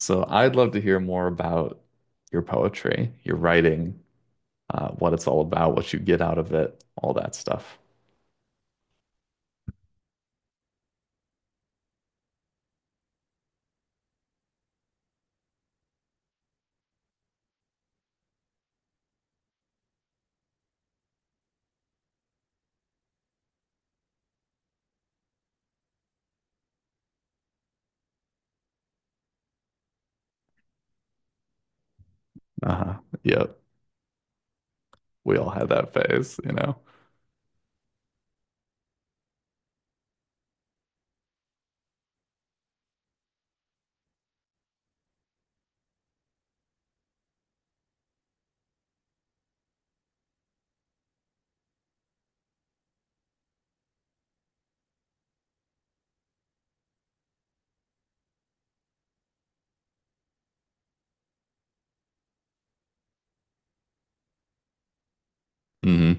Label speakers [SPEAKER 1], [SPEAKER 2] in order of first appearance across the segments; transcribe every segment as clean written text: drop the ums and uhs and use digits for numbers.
[SPEAKER 1] So I'd love to hear more about your poetry, your writing, what it's all about, what you get out of it, all that stuff. Uh-huh. Yep. We all had that phase, Hmm.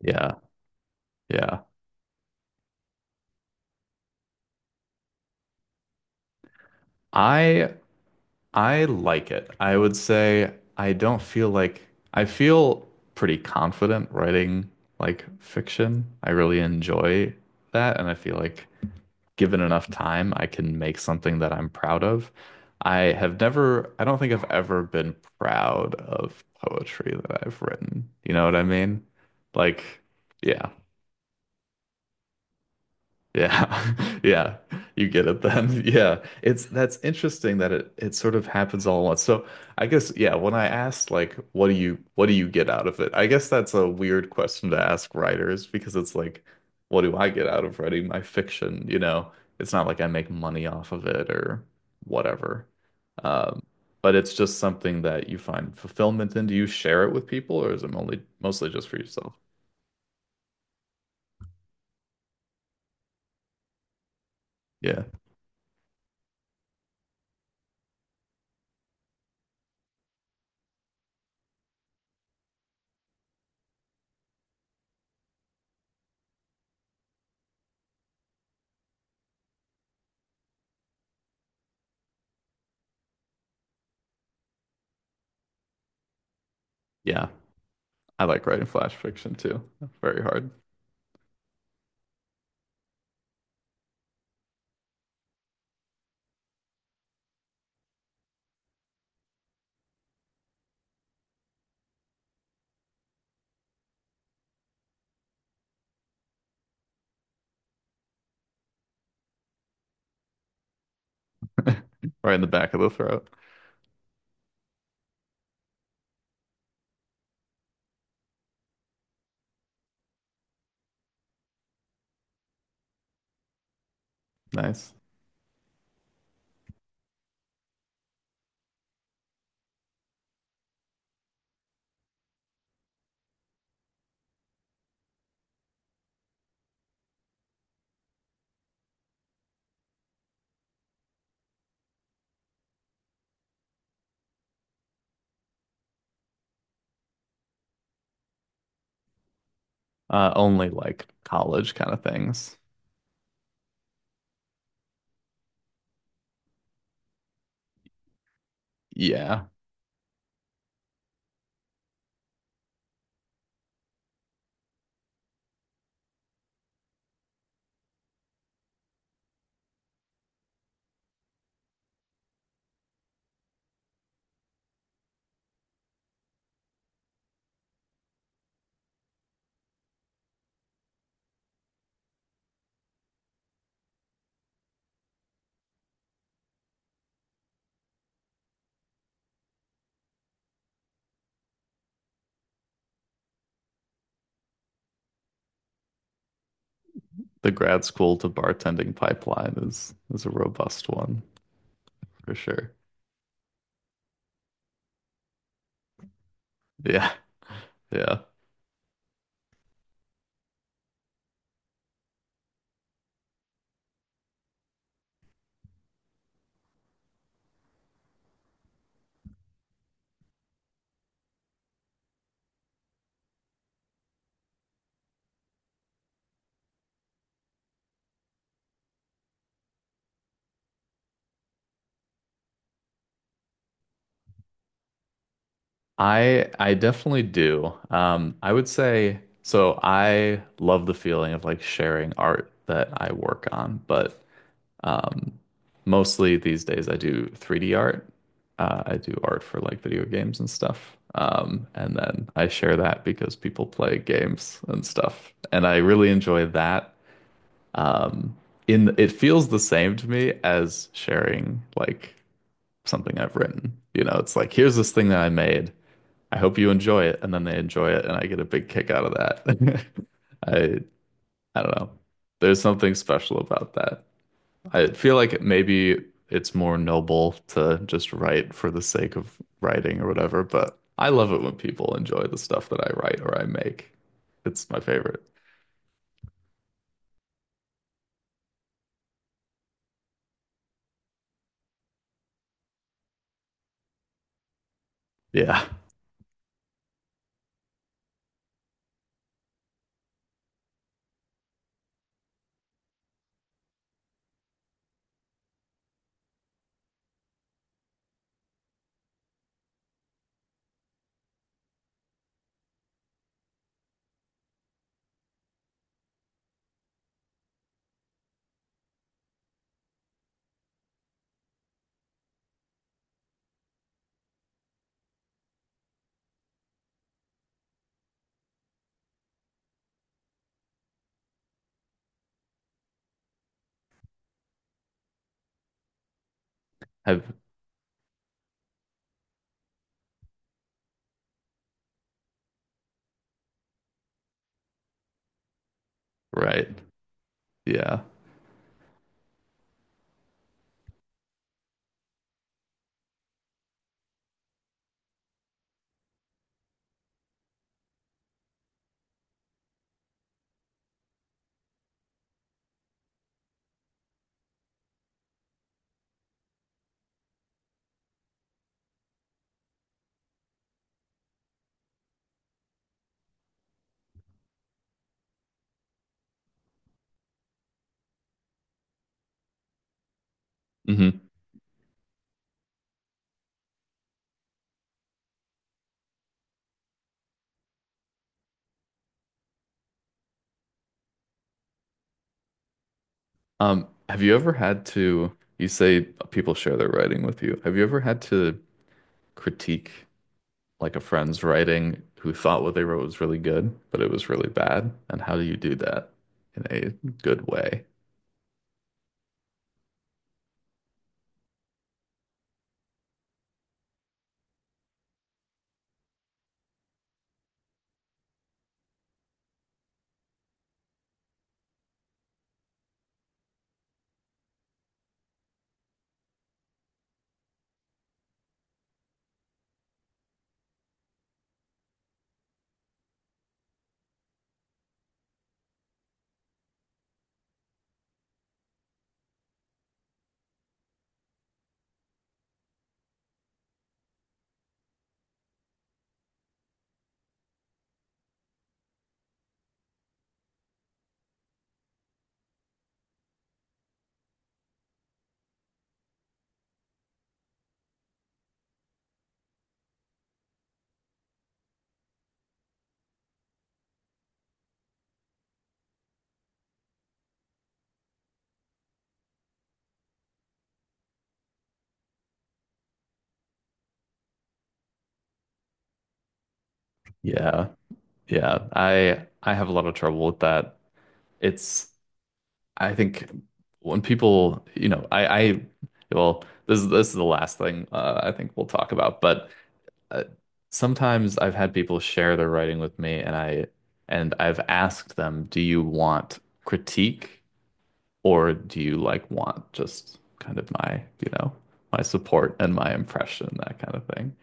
[SPEAKER 1] Yeah. Yeah. I I like it. I would say I don't feel like I feel pretty confident writing like fiction. I really enjoy that, and I feel like given enough time, I can make something that I'm proud of. I have never, I don't think I've ever been proud of poetry that I've written. You know what I mean? Like, yeah, yeah. Yeah. You get it then. Yeah. It's that's interesting that it sort of happens all at once. So I guess yeah, when I asked like what do you get out of it? I guess that's a weird question to ask writers because it's like what do I get out of writing my fiction, you know? It's not like I make money off of it or whatever. Um, but it's just something that you find fulfillment in. Do you share it with people or is it only mostly just for yourself? Yeah. Yeah. I like writing flash fiction too. Very hard. Right in the back of the throat. Nice. Only like college kind of things. Yeah. The grad school to bartending pipeline is a robust one for sure. Yeah. Yeah. I definitely do. I would say so I love the feeling of like sharing art that I work on, but um, mostly these days I do 3D art. I do art for like video games and stuff. And then I share that because people play games and stuff. And I really enjoy that. Um, in it feels the same to me as sharing like something I've written. You know, it's like, here's this thing that I made. I hope you enjoy it. And then they enjoy it and I get a big kick out of that. I I don't know. There's something special about that. I feel like maybe it's more noble to just write for the sake of writing or whatever, but I love it when people enjoy the stuff that I write or I make. It's my favorite. Yeah. Have right. Yeah. Hmm. Have you ever had to, you say people share their writing with you. Have you ever had to critique like a friend's writing who thought what they wrote was really good, but it was really bad? And how do you do that in a good way? Yeah. Yeah, I have a lot of trouble with that. It's I think when people, you know, I well, this is the last thing I think we'll talk about, but uh, sometimes I've had people share their writing with me and I and I've asked them, "Do you want critique or do you like want just kind of my, you know, my support and my impression, that kind of thing?"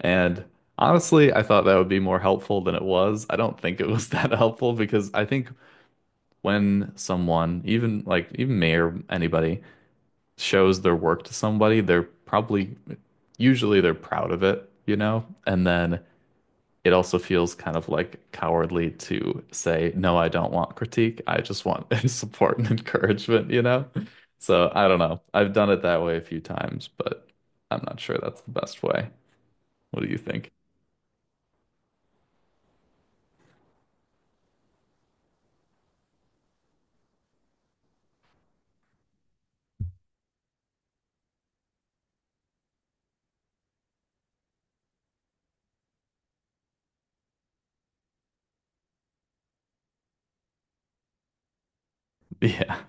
[SPEAKER 1] And honestly, I thought that would be more helpful than it was. I don't think it was that helpful because I think when someone, even like even me or anybody, shows their work to somebody, they're probably usually they're proud of it, you know? And then it also feels kind of like cowardly to say, no, I don't want critique. I just want support and encouragement, you know? So I don't know. I've done it that way a few times, but I'm not sure that's the best way. What do you think? Yeah.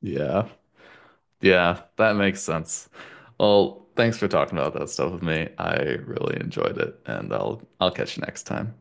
[SPEAKER 1] Yeah. Yeah, that makes sense. Well, thanks for talking about that stuff with me. I really enjoyed it, and I'll catch you next time.